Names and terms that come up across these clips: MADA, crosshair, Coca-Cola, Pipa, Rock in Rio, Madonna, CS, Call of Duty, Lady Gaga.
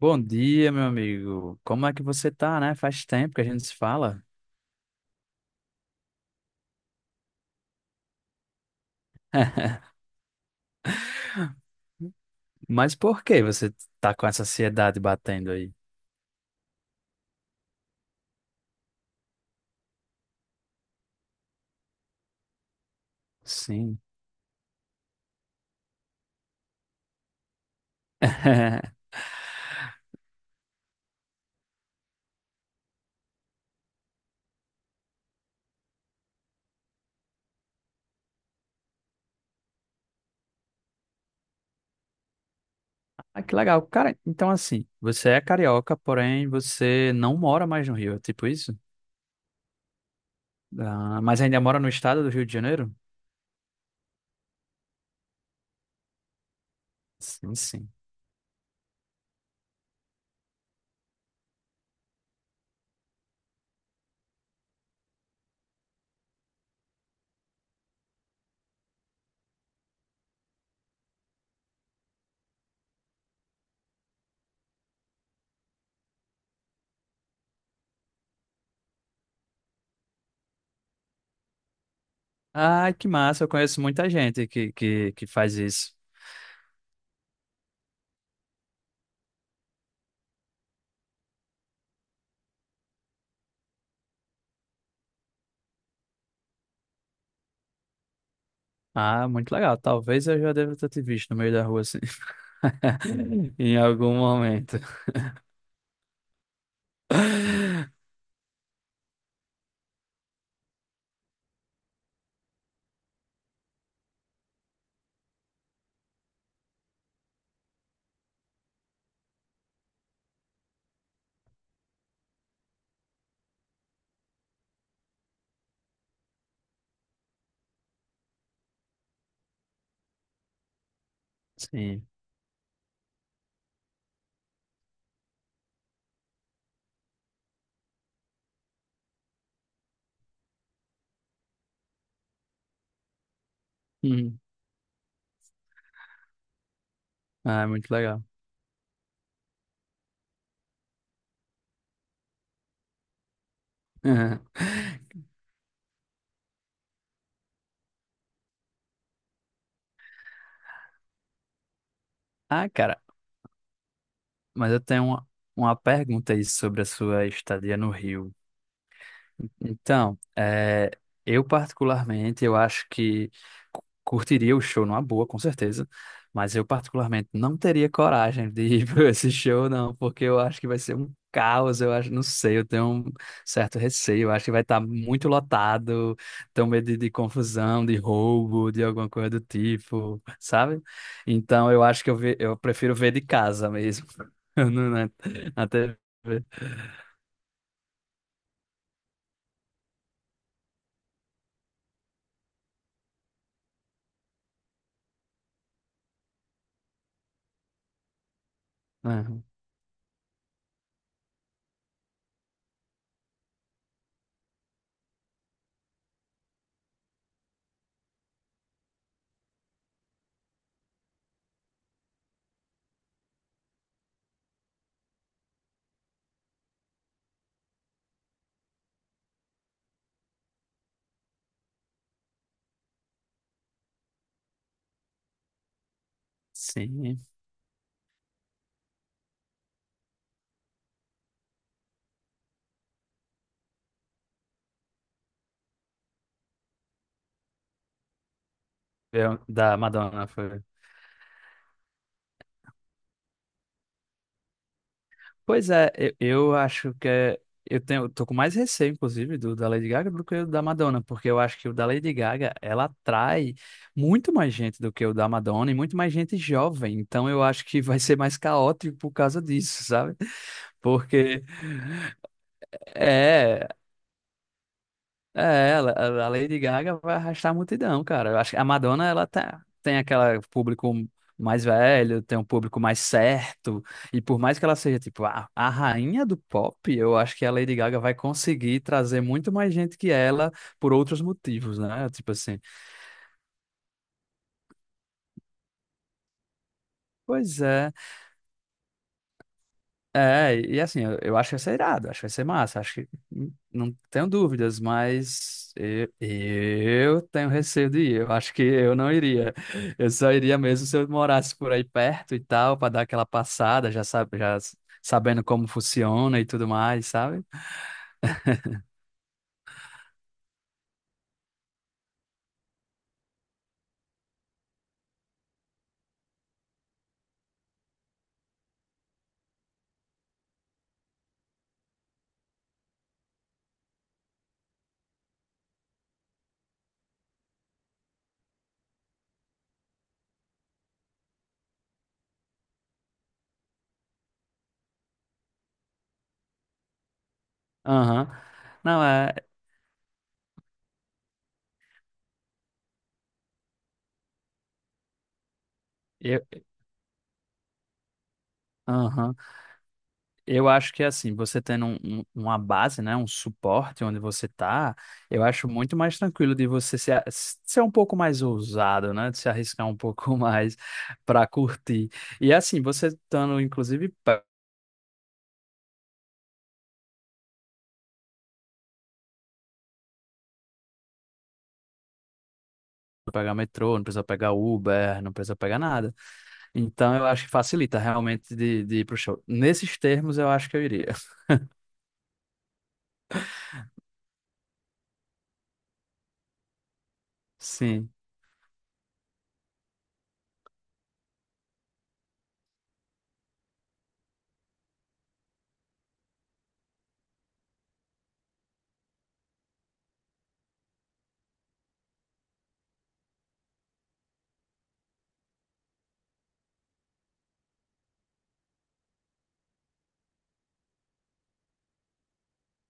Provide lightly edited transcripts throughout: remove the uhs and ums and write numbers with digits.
Bom dia, meu amigo. Como é que você tá, né? Faz tempo que a gente se fala. Mas por que você tá com essa ansiedade batendo aí? Sim. Ah, que legal. Cara, então assim, você é carioca, porém você não mora mais no Rio, é tipo isso? Ah, mas ainda mora no estado do Rio de Janeiro? Sim, sim. Ah, que massa. Eu conheço muita gente que faz isso. Ah, muito legal. Talvez eu já deva ter te visto no meio da rua, assim. Em algum momento. Sim. Uhum. Ah, é muito legal. Ah, cara, mas eu tenho uma pergunta aí sobre a sua estadia no Rio. Então, é, eu particularmente, eu acho que curtiria o show numa boa, com certeza, mas eu particularmente não teria coragem de ir para esse show, não, porque eu acho que vai ser um caos, eu acho, não sei, eu tenho um certo receio, eu acho que vai estar muito lotado, tenho medo de confusão, de roubo, de alguma coisa do tipo, sabe? Então, eu acho que eu prefiro ver de casa mesmo, no- na, na TV. Aham. Sim. Da Madonna, foi. Pois é, eu acho que eu tenho, eu tô com mais receio, inclusive, do da Lady Gaga do que o da Madonna, porque eu acho que o da Lady Gaga, ela atrai muito mais gente do que o da Madonna e muito mais gente jovem. Então eu acho que vai ser mais caótico por causa disso, sabe? Porque é, É, a Lady Gaga vai arrastar a multidão, cara. Eu acho que a Madonna, ela tá, tem aquele público mais velho, tem um público mais certo, e por mais que ela seja, tipo, a rainha do pop, eu acho que a Lady Gaga vai conseguir trazer muito mais gente que ela por outros motivos, né? Tipo assim. Pois é. É, e assim, eu acho que vai ser irado, acho que vai ser massa, acho que não tenho dúvidas, mas eu tenho receio de ir, eu acho que eu não iria. Eu só iria mesmo se eu morasse por aí perto e tal, para dar aquela passada, já sabe, sabendo como funciona e tudo mais, sabe? Aham. Não, é, eu, aham. Eu acho que assim, você tendo uma base, né, um suporte onde você tá, eu acho muito mais tranquilo de você se a- ser um pouco mais ousado, né, de se arriscar um pouco mais para curtir. E assim, você estando inclusive pegar metrô, não precisa pegar Uber, não precisa pegar nada. Então eu acho que facilita realmente de ir pro show. Nesses termos eu acho que eu iria. Sim.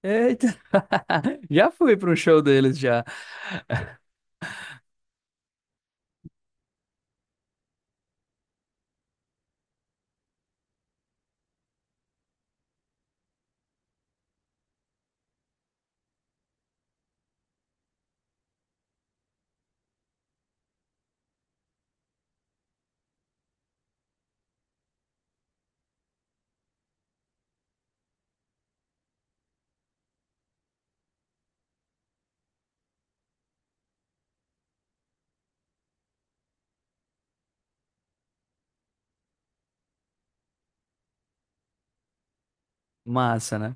Eita! Já fui para um show deles já. Massa, né?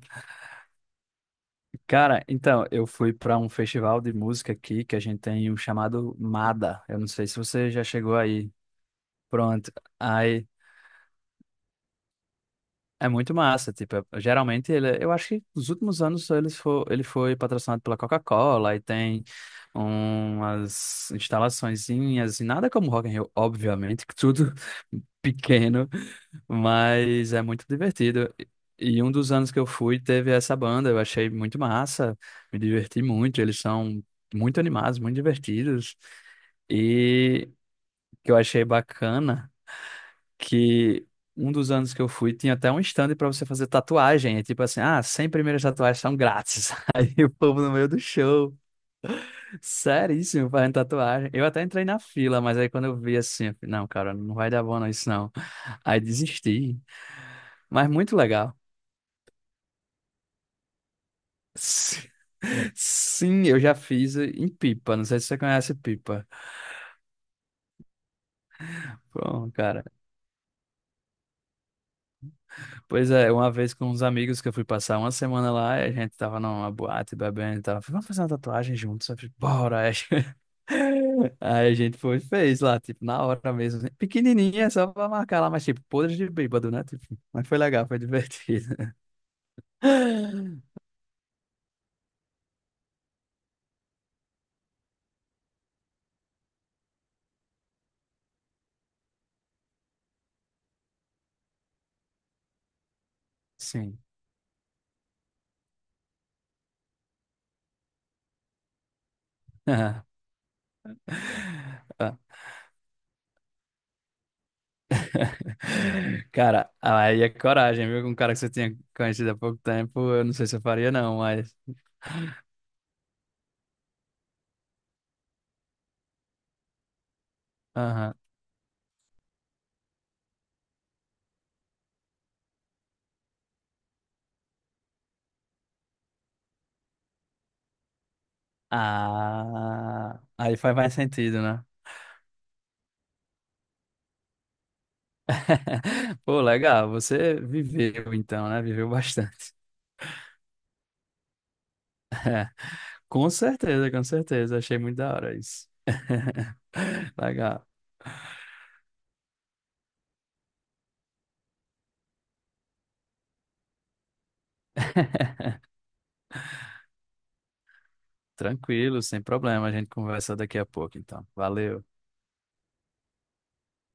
Cara, então, eu fui para um festival de música aqui que a gente tem um chamado MADA. Eu não sei se você já chegou aí. Pronto. Aí é muito massa, tipo, geralmente ele, eu acho que nos últimos anos ele foi patrocinado pela Coca-Cola e tem umas instalaçõezinhas e nada como Rock in Rio, obviamente, que tudo pequeno. Mas é muito divertido. E um dos anos que eu fui teve essa banda, eu achei muito massa, me diverti muito. Eles são muito animados, muito divertidos. E o que eu achei bacana que um dos anos que eu fui tinha até um stand para você fazer tatuagem. É tipo assim, ah, 100 primeiras tatuagens são grátis. Aí o povo no meio do show, seríssimo, fazendo tatuagem. Eu até entrei na fila, mas aí quando eu vi assim, eu falei, não, cara, não vai dar bom não, isso não. Aí desisti. Mas muito legal. Sim, sim, eu já fiz em Pipa. Não sei se você conhece Pipa. Bom, cara. Pois é, uma vez com uns amigos que eu fui passar uma semana lá, e a gente tava numa boate bebendo e tava, vamos fazer uma tatuagem juntos. Eu falei, bora. Aí aí a gente foi e fez lá, tipo, na hora mesmo. Assim, pequenininha, só pra marcar lá, mas tipo, podre de bêbado, né? Tipo, mas foi legal, foi divertido. Sim. Ah, cara, aí é coragem, viu? Com um cara que você tinha conhecido há pouco tempo, eu não sei se eu faria, não, mas. Aham. Ah, aí faz mais sentido, né? Pô, legal, você viveu então, né? Viveu bastante. Com certeza, com certeza. Achei muito da hora isso. Legal. Tranquilo, sem problema. A gente conversa daqui a pouco, então. Valeu.